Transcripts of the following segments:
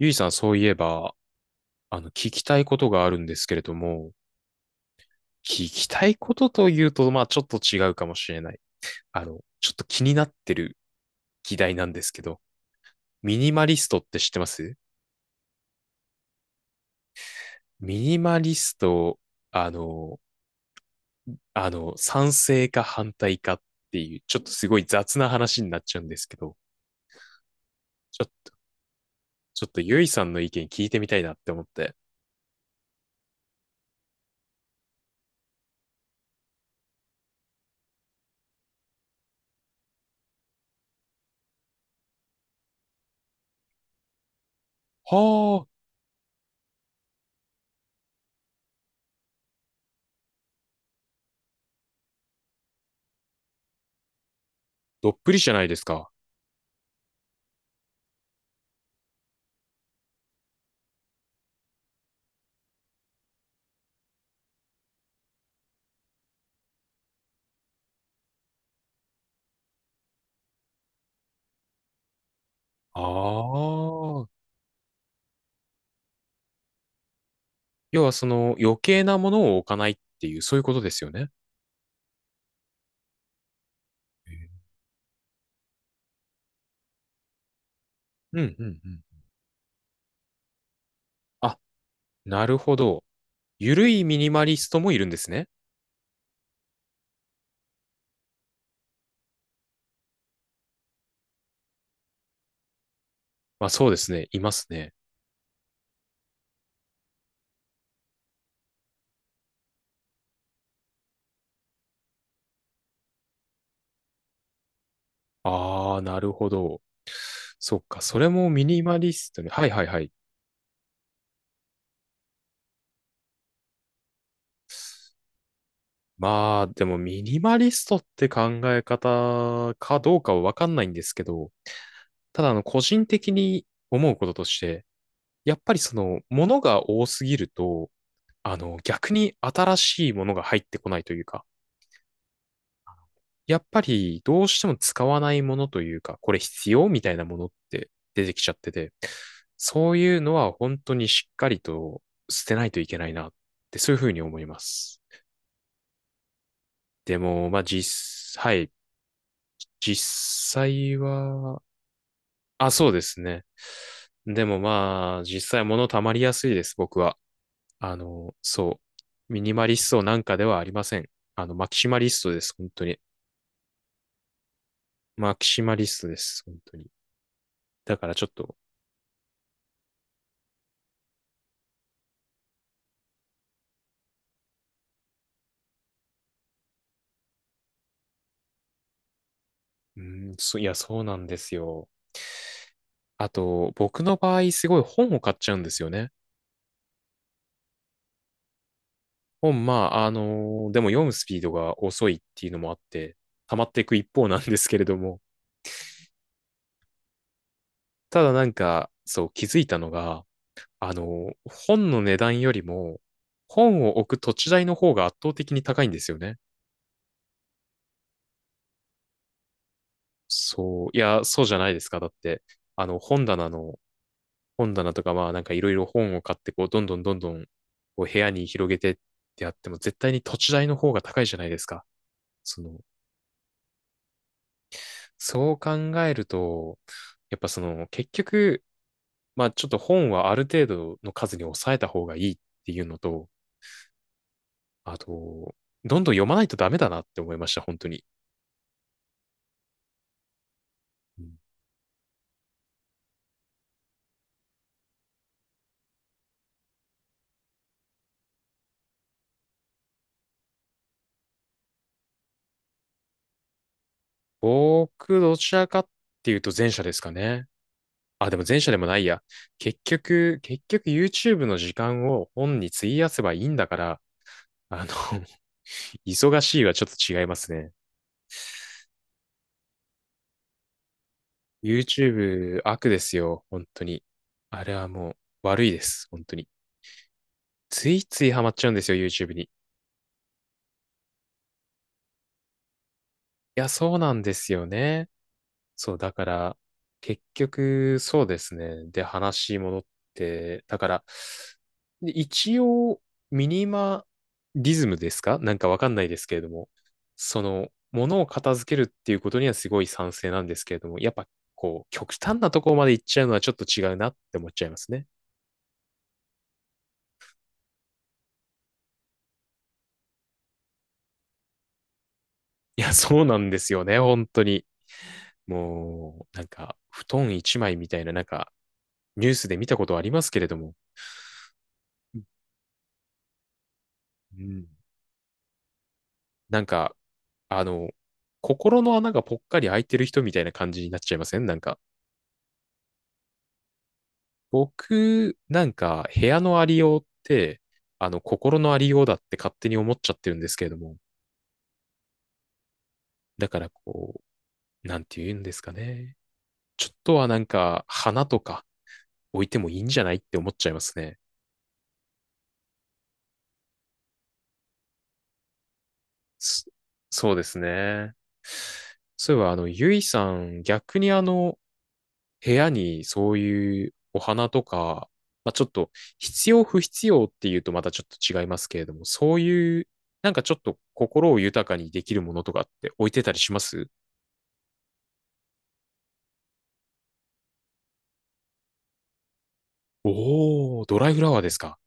ゆいさん、そういえば、聞きたいことがあるんですけれども、聞きたいことというと、まあ、ちょっと違うかもしれない。ちょっと気になってる議題なんですけど、ミニマリストって知ってます？ミニマリスト、あの、賛成か反対かっていう、ちょっとすごい雑な話になっちゃうんですけど、ちょ、ちょっとゆいさんの意見聞いてみたいなって思って。はあ、どっぷりじゃないですか。ああ、要はその余計なものを置かないっていう、そういうことですよね。うんうんうん。あ、なるほど。ゆるいミニマリストもいるんですね。まあそうですね。いますね。ああ、なるほど。そっか。それもミニマリストね。はいはいはい。まあでもミニマリストって考え方かどうかはわかんないんですけど、ただあの個人的に思うこととして、やっぱりそのものが多すぎると、あの逆に新しいものが入ってこないというか、やっぱりどうしても使わないものというか、これ必要みたいなものって出てきちゃってて、そういうのは本当にしっかりと捨てないといけないなってそういうふうに思います。でも、まあ実、はい、実際は、あ、そうですね。でもまあ、実際物溜まりやすいです、僕は。そう。ミニマリストなんかではありません。あの、マキシマリストです、本当に。マキシマリストです、本当に。だからちょっとうん、いや、そうなんですよ。あと、僕の場合、すごい本を買っちゃうんですよね。本、まあ、でも読むスピードが遅いっていうのもあって、溜まっていく一方なんですけれども、ただなんか、そう、気づいたのが、本の値段よりも、本を置く土地代の方が圧倒的に高いんですよね。そう、いや、そうじゃないですか。だって、あの、本棚とかまあなんかいろいろ本を買ってこうどんどんどんどんこう部屋に広げてってやっても絶対に土地代の方が高いじゃないですか。その、そう考えると、やっぱその結局、まあちょっと本はある程度の数に抑えた方がいいっていうのと、あと、どんどん読まないとダメだなって思いました、本当に。うん僕、どちらかっていうと前者ですかね。あ、でも前者でもないや。結局 YouTube の時間を本に費やせばいいんだから、あの、忙しいはちょっと違いますね。YouTube 悪ですよ、本当に。あれはもう悪いです、本当に。ついついハマっちゃうんですよ、YouTube に。いや、そうなんですよね。そう、だから、結局、そうですね。で、話戻って、だから、で一応、ミニマリズムですかなんかわかんないですけれども、その、ものを片付けるっていうことにはすごい賛成なんですけれども、やっぱ、こう、極端なところまで行っちゃうのはちょっと違うなって思っちゃいますね。いや、そうなんですよね、本当に。もう、なんか、布団一枚みたいな、なんか、ニュースで見たことありますけれども、うんなんか、あの、心の穴がぽっかり開いてる人みたいな感じになっちゃいません？なんか、僕、なんか、部屋のありようって、あの、心のありようだって勝手に思っちゃってるんですけれども、だからこう、なんて言うんですかね。ちょっとはなんか、花とか置いてもいいんじゃない？って思っちゃいますね。そそうですね。そういえば、あの、ゆいさん、逆にあの、部屋にそういうお花とか、まあ、ちょっと必要不必要っていうとまたちょっと違いますけれども、そういう、なんかちょっと心を豊かにできるものとかって置いてたりします？おー、ドライフラワーですか。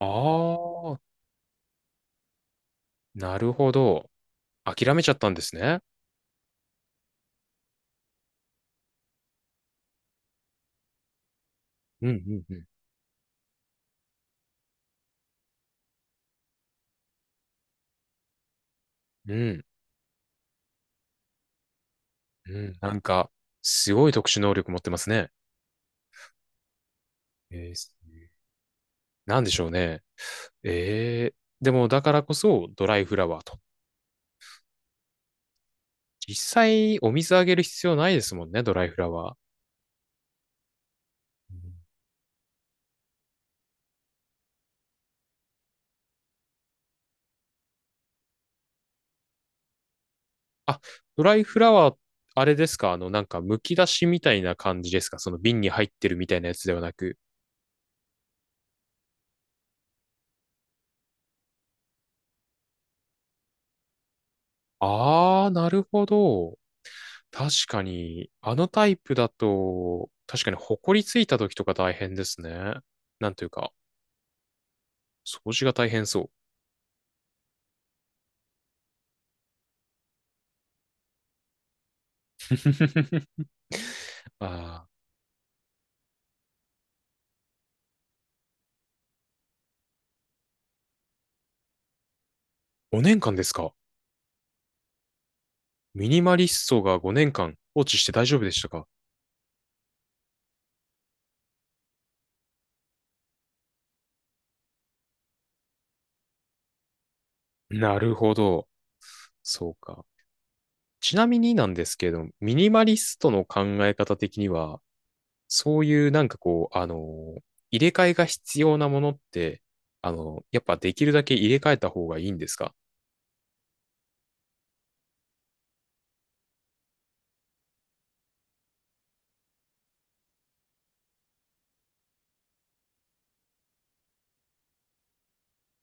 あー、なるほど。諦めちゃったんですね。うん、うん、うん。うん、うん。なんか、すごい特殊能力持ってますね。えー、なんでしょうね。えー、でもだからこそドライフラワーと。実際お水あげる必要ないですもんね、ドライフラワー。うんあドライフラワー、あれですか、あの、なんか、剥き出しみたいな感じですか？その瓶に入ってるみたいなやつではなく。あー、なるほど。確かに、あのタイプだと、確かに、ほこりついた時とか大変ですね。なんというか、掃除が大変そう。あー、5年間ですか？ミニマリストが5年間放置して大丈夫でしたか？なるほど。そうか。ちなみになんですけれども、ミニマリストの考え方的には、そういうなんかこう、あの入れ替えが必要なものって、あのやっぱできるだけ入れ替えた方がいいんですか？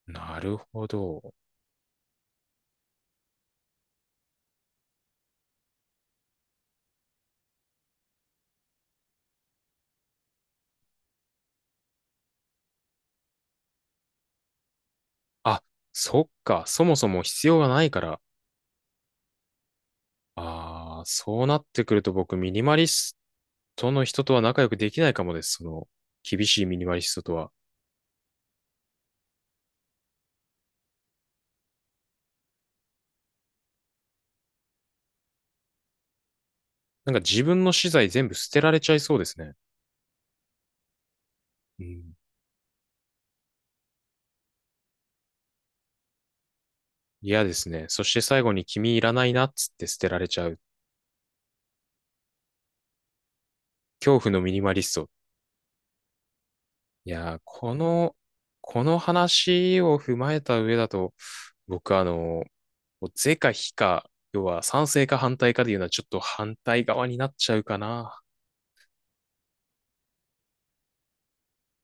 なるほど。あ、そっか。そもそも必要がないから。ああ、そうなってくると僕、ミニマリストの人とは仲良くできないかもです。その、厳しいミニマリストとは。なんか自分の資材全部捨てられちゃいそうですね。うん嫌ですね。そして最後に君いらないなっつって捨てられちゃう。恐怖のミニマリスト。いやー、この話を踏まえた上だと、僕あの、もう是か非か、要は賛成か反対かでいうのはちょっと反対側になっちゃうかな。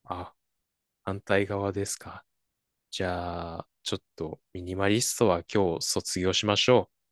あ、反対側ですか。じゃあ、ちょっとミニマリストは今日卒業しましょう。